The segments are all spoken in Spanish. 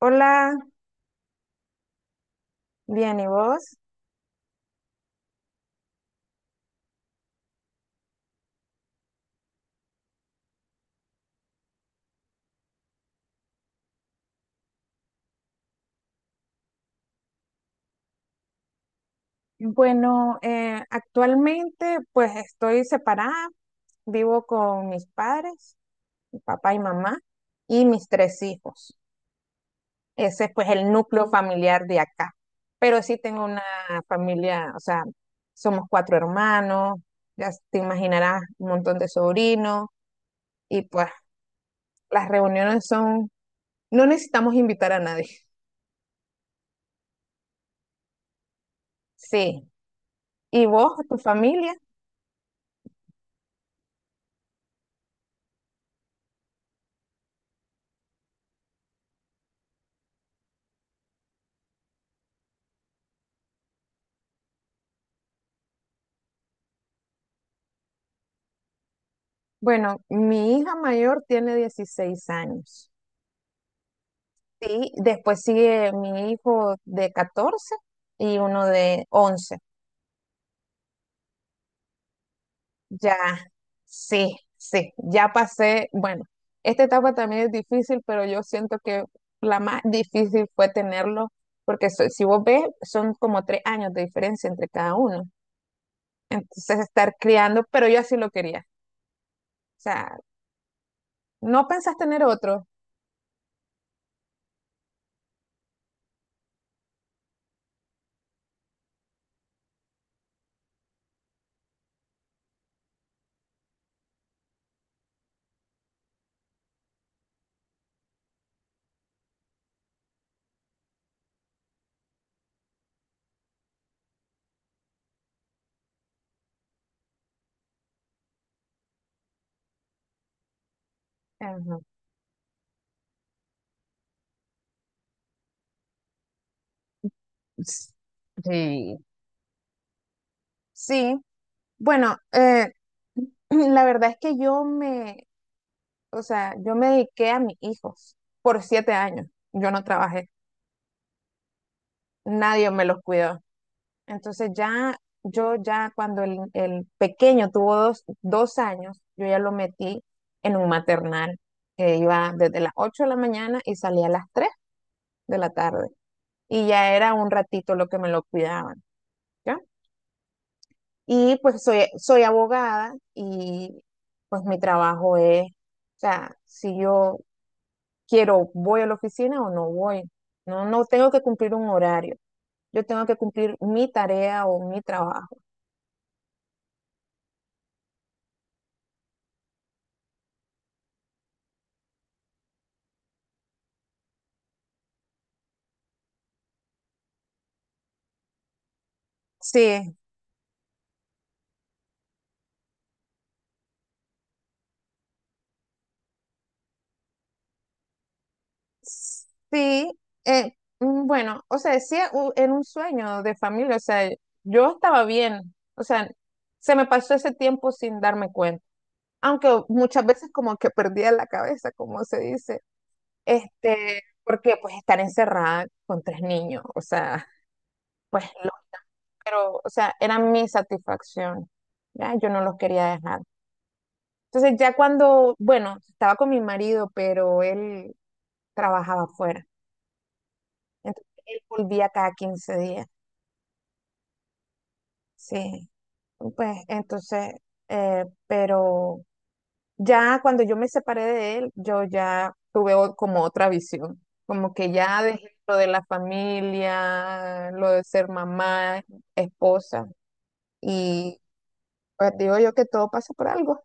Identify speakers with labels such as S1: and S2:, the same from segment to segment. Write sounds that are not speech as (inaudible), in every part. S1: Hola, bien, ¿y vos? Bueno, actualmente pues estoy separada, vivo con mis padres, mi papá y mamá, y mis tres hijos. Ese es pues el núcleo familiar de acá. Pero sí tengo una familia, o sea, somos cuatro hermanos, ya te imaginarás un montón de sobrinos, y pues las reuniones son, no necesitamos invitar a nadie. (laughs) Sí, ¿y vos, tu familia? Bueno, mi hija mayor tiene 16 años. Sí, después sigue mi hijo de 14 y uno de 11. Ya, sí, sí, ya pasé. Bueno, esta etapa también es difícil, pero yo siento que la más difícil fue tenerlo, porque si vos ves, son como 3 años de diferencia entre cada uno. Entonces, estar criando, pero yo así lo quería. O sea, ¿no pensás tener otro? Ajá. Sí, sí, bueno, (clears throat) la verdad es que o sea, yo me dediqué a mis hijos por 7 años. Yo no trabajé, nadie me los cuidó. Entonces ya, yo ya cuando el pequeño tuvo dos años, yo ya lo metí en un maternal que iba desde las 8 de la mañana y salía a las 3 de la tarde. Y ya era un ratito lo que me lo cuidaban. ¿Ya? Y pues soy abogada y pues mi trabajo es, o sea, si yo quiero, voy a la oficina o no voy. No, no tengo que cumplir un horario. Yo tengo que cumplir mi tarea o mi trabajo. Sí, sí. eh, bueno, o sea, sí, era un sueño de familia. O sea, yo estaba bien. O sea, se me pasó ese tiempo sin darme cuenta. Aunque muchas veces como que perdía la cabeza, como se dice. Este, porque pues estar encerrada con tres niños, o sea, pues lo, pero, o sea, era mi satisfacción, ya, yo no los quería dejar. Entonces ya cuando, bueno, estaba con mi marido, pero él trabajaba afuera, entonces él volvía cada 15 días, sí, pues entonces, pero ya cuando yo me separé de él, yo ya tuve como otra visión, como que ya dejé lo de la familia, lo de ser mamá, esposa, y pues digo yo que todo pasa por algo.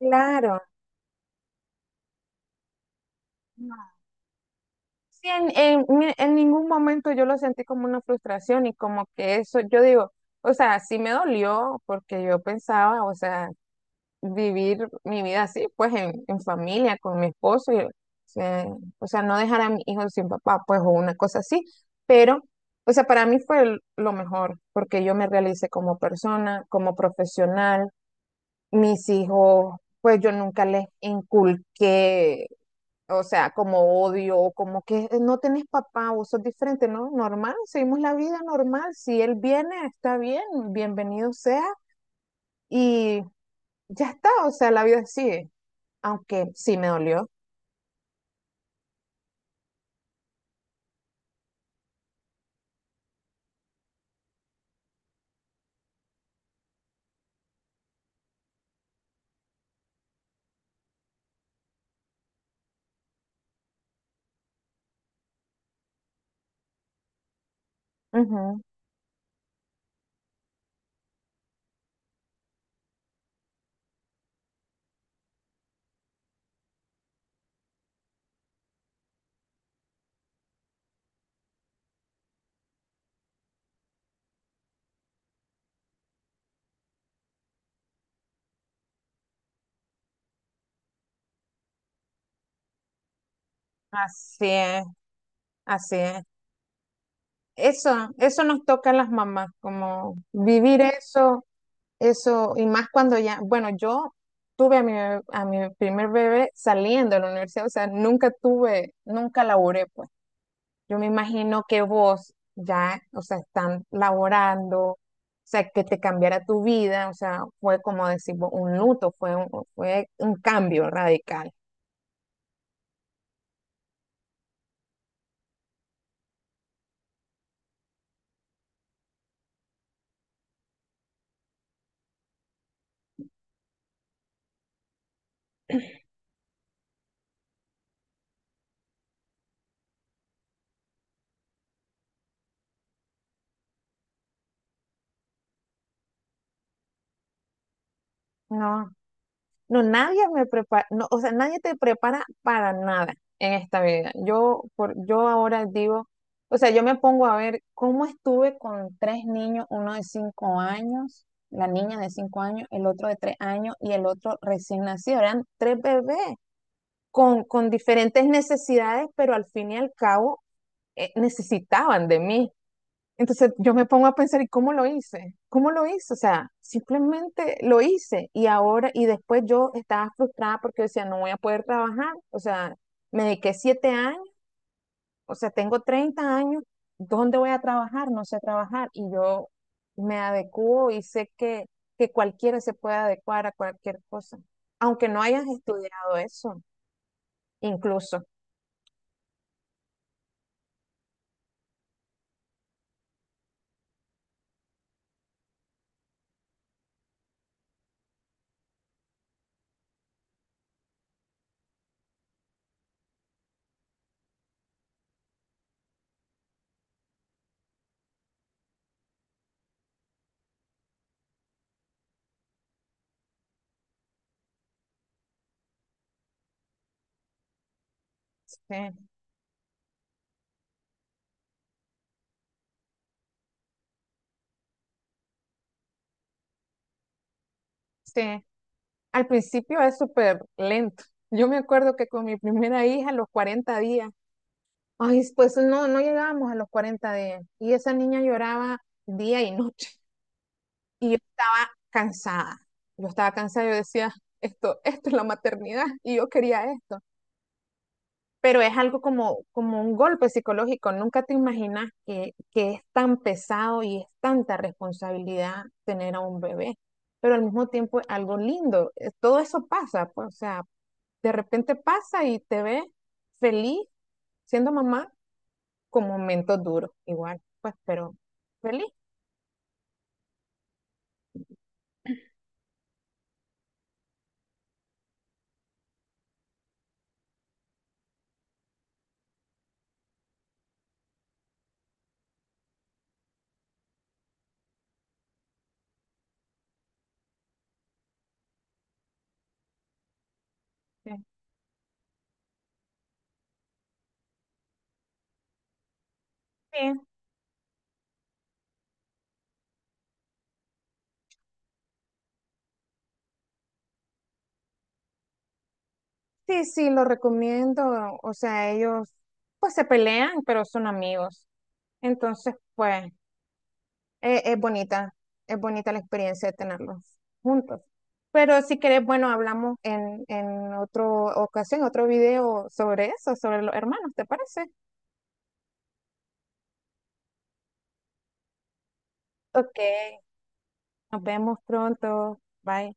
S1: Claro. No. Sí, en ningún momento yo lo sentí como una frustración, y como que eso, yo digo, o sea, sí me dolió porque yo pensaba, o sea, vivir mi vida así, pues en familia, con mi esposo, y, eh, o sea, no dejar a mi hijo sin papá, pues o una cosa así, pero, o sea, para mí fue lo mejor, porque yo me realicé como persona, como profesional, mis hijos, pues yo nunca les inculqué, o sea, como odio, o como que no tenés papá, vos sos diferente, ¿no? Normal, seguimos la vida normal, si él viene, está bien, bienvenido sea", y ya está, o sea, la vida sigue aunque sí me dolió. Ujú, así es, así es. Eso nos toca a las mamás, como vivir eso, eso, y más cuando ya, bueno, yo tuve a a mi primer bebé saliendo de la universidad, o sea, nunca tuve, nunca laboré, pues. Yo me imagino que vos ya, o sea, están laborando, o sea, que te cambiara tu vida, o sea, fue como decir, un luto, fue un cambio radical. No. No, nadie me prepara, no, o sea, nadie te prepara para nada en esta vida. Yo ahora digo, o sea, yo me pongo a ver cómo estuve con tres niños, uno de 5 años, la niña de 5 años, el otro de 3 años y el otro recién nacido. Eran tres bebés con diferentes necesidades, pero al fin y al cabo necesitaban de mí. Entonces yo me pongo a pensar, ¿y cómo lo hice? ¿Cómo lo hice? O sea, simplemente lo hice y ahora, y después yo estaba frustrada porque decía, no voy a poder trabajar, o sea, me dediqué 7 años, o sea, tengo 30 años, ¿dónde voy a trabajar? No sé trabajar y yo me adecuo y sé que cualquiera se puede adecuar a cualquier cosa, aunque no hayas estudiado eso, incluso. Sí, sí. Al principio es súper lento. Yo me acuerdo que con mi primera hija, a los 40 días, ay, pues no, no llegábamos a los 40 días. Y esa niña lloraba día y noche. Y yo estaba cansada. Yo estaba cansada, yo decía, esto es la maternidad y yo quería esto. Pero es algo como un golpe psicológico. Nunca te imaginas que es tan pesado y es tanta responsabilidad tener a un bebé, pero al mismo tiempo es algo lindo. Todo eso pasa, pues, o sea, de repente pasa y te ves feliz siendo mamá con momentos duros, igual, pues, pero feliz. Sí, sí, sí, sí, lo recomiendo. O sea, ellos pues se pelean, pero son amigos. Entonces, pues. Es bonita, es bonita la experiencia de tenerlos juntos. Pero si querés, bueno, hablamos en otra ocasión, otro video sobre eso, sobre los hermanos, ¿te parece? Ok, nos vemos pronto. Bye.